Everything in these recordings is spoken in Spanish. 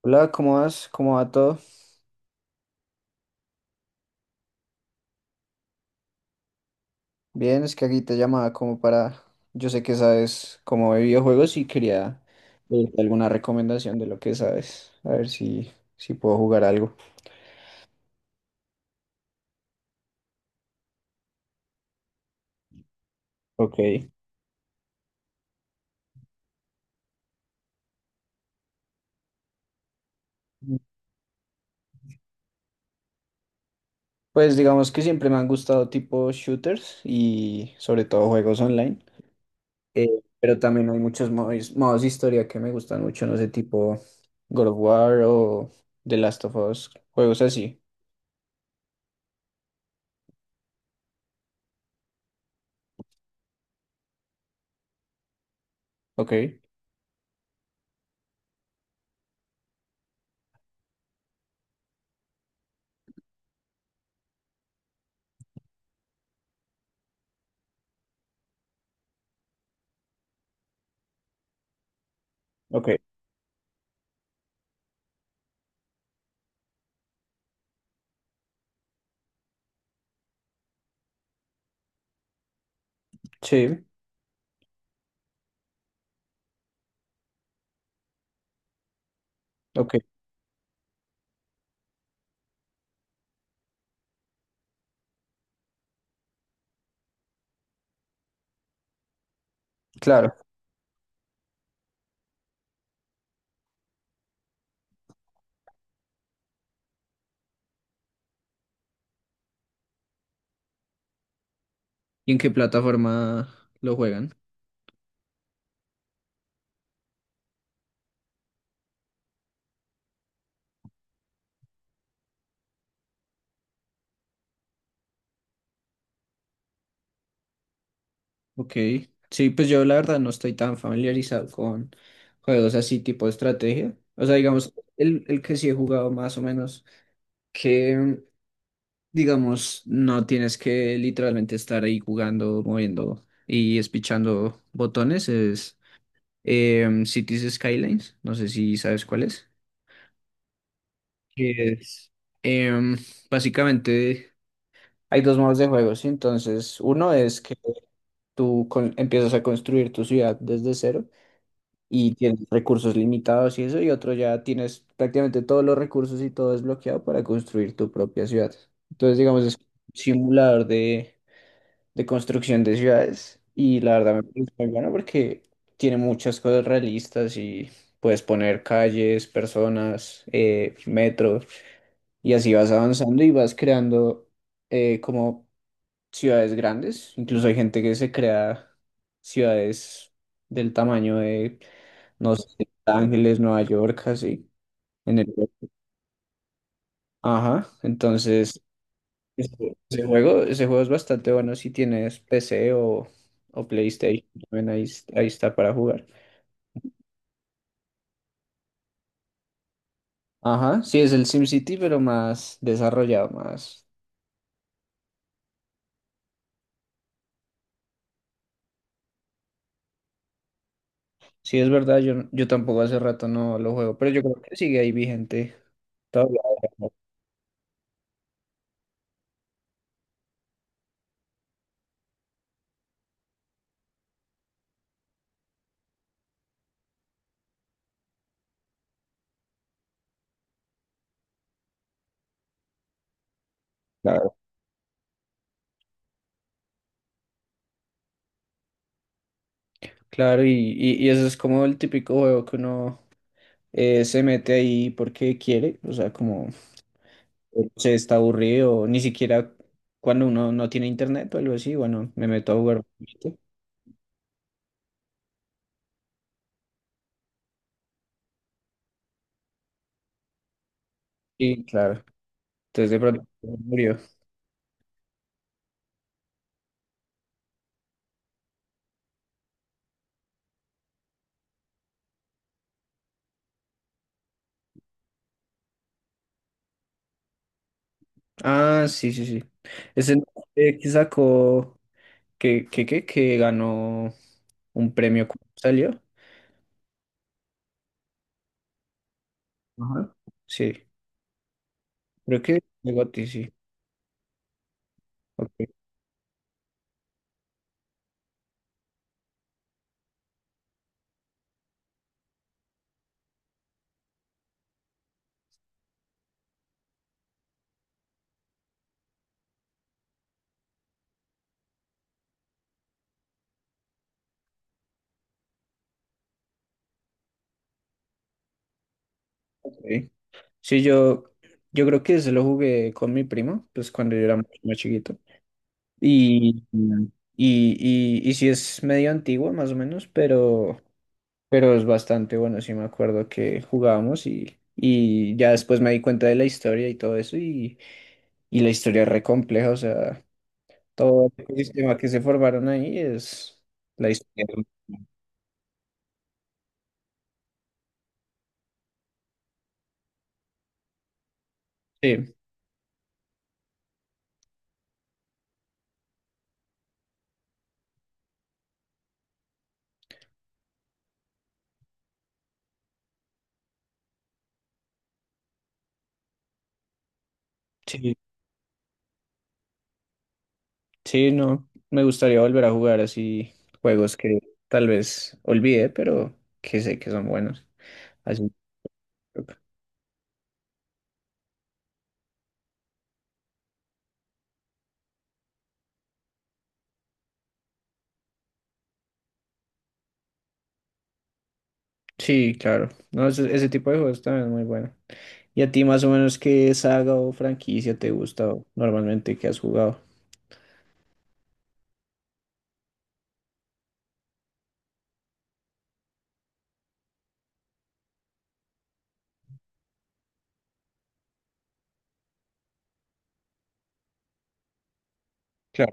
Hola, ¿cómo vas? ¿Cómo va todo? Bien, es que aquí te llamaba como para... Yo sé que sabes cómo de videojuegos y quería pedirte alguna recomendación de lo que sabes. A ver si puedo jugar algo. Ok. Pues digamos que siempre me han gustado tipo shooters y sobre todo juegos online. Eh, pero también hay muchos modos de historia que me gustan mucho, no sé, tipo God of War o The Last of Us, juegos así. Ok, ok. Sí, ok, claro. ¿Y en qué plataforma lo juegan? Ok. Sí, pues yo la verdad no estoy tan familiarizado con juegos así tipo de estrategia. O sea, digamos, el que sí he jugado más o menos, que digamos, no tienes que literalmente estar ahí jugando, moviendo y espichando botones, es Cities Skylines. No sé si sabes cuál es. Que es, em, básicamente hay dos modos de juego, ¿sí? Entonces, uno es que empiezas a construir tu ciudad desde cero y tienes recursos limitados y eso, y otro ya tienes prácticamente todos los recursos y todo desbloqueado para construir tu propia ciudad. Entonces, digamos, es un simulador de construcción de ciudades y la verdad me parece muy bueno porque tiene muchas cosas realistas y puedes poner calles, personas, metros y así vas avanzando y vas creando como ciudades grandes. Incluso hay gente que se crea ciudades del tamaño de, no sé, Los Ángeles, Nueva York, así. En el... Ajá, entonces ese juego es bastante bueno si tienes PC o PlayStation, también ahí, ahí está para jugar. Ajá, sí, es el SimCity, pero más desarrollado, más... Sí, es verdad, yo tampoco hace rato no lo juego, pero yo creo que sigue ahí vigente todavía. Claro, y eso es como el típico juego que uno se mete ahí porque quiere, o sea, como se está aburrido, o ni siquiera cuando uno no tiene internet o algo así, bueno, me meto a jugar. ¿Viste? Sí, claro. Entonces de pronto murió. Ah, sí, sí, sí. Ese que sacó, que ganó un premio, ¿cómo salió? Ajá. Sí, creo que de Gotti, sí. Ok, ok. Sí, yo, yo creo que se lo jugué con mi primo, pues cuando yo era mucho más chiquito. Y, y, y sí es medio antiguo, más o menos, pero es bastante bueno. Sí me acuerdo que jugábamos y ya después me di cuenta de la historia y todo eso. Y la historia es re compleja, o sea, todo el sistema que se formaron ahí es la historia. Sí, sí, sí, no, me gustaría volver a jugar así juegos que tal vez olvidé, pero que sé que son buenos. Así. Sí, claro. No, ese tipo de juegos también es muy bueno. ¿Y a ti más o menos qué saga o franquicia te gusta o normalmente que has jugado? Claro.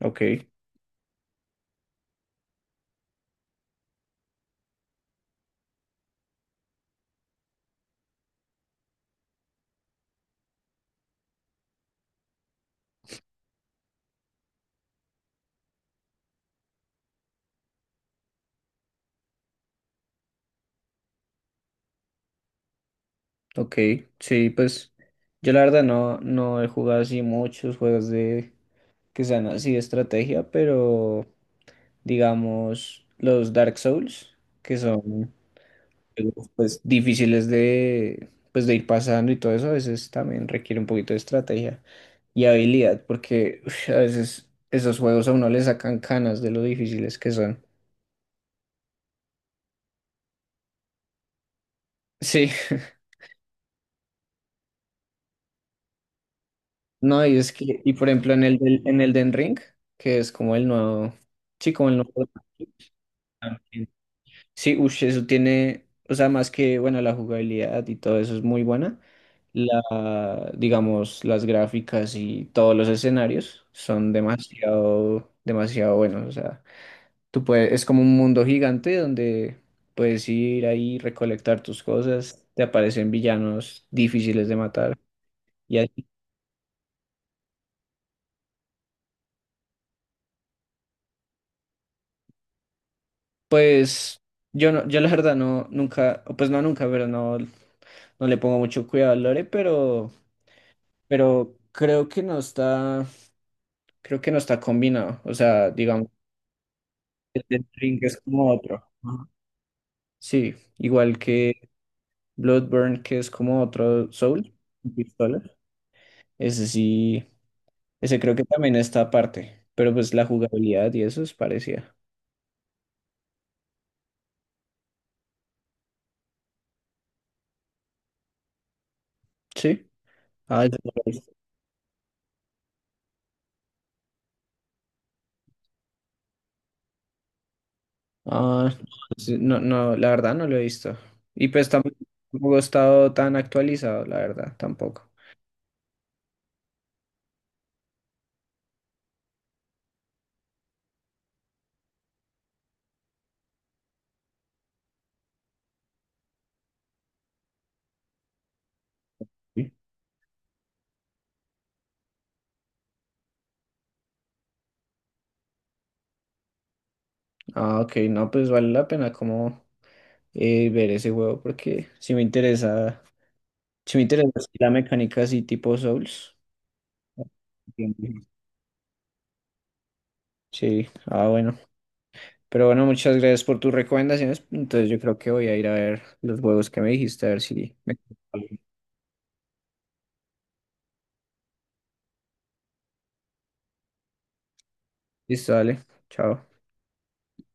Ok, ok. Sí, pues yo la verdad no he jugado así muchos juegos de que sean así de estrategia, pero digamos los Dark Souls, que son pues difíciles de, pues, de ir pasando y todo eso, a veces también requiere un poquito de estrategia y habilidad, porque uf, a veces esos juegos a uno le sacan canas de lo difíciles que son. Sí, no, y es que, y por ejemplo en el, en el Den Ring, que es como el nuevo, sí, como el nuevo, sí, ush, eso tiene, o sea, más que, bueno, la jugabilidad y todo eso es muy buena. La, digamos, las gráficas y todos los escenarios son demasiado, demasiado buenos. O sea, tú puedes, es como un mundo gigante donde puedes ir ahí, recolectar tus cosas, te aparecen villanos difíciles de matar. Y así, pues, yo la verdad no, nunca, pues no nunca, pero no, no le pongo mucho cuidado al lore, pero creo que no está. Creo que no está combinado. O sea, digamos, el del Ring es como otro. Ajá. Sí, igual que Bloodburn, que es como otro Soul, con pistola. Ese sí, ese creo que también está aparte. Pero pues la jugabilidad y eso es parecida. Sí. Ah, ese no lo he visto. Ah, sí, no, no, la verdad no lo he visto. Y pues tampoco he estado tan actualizado, la verdad, tampoco. Sí. Ah, ok, no, pues vale la pena como ver ese juego porque sí me interesa. Si me interesa así la mecánica así tipo Souls. Entiendo. Sí, ah, bueno. Pero bueno, muchas gracias por tus recomendaciones. Entonces yo creo que voy a ir a ver los juegos que me dijiste, a ver si me... Listo, dale. Chao.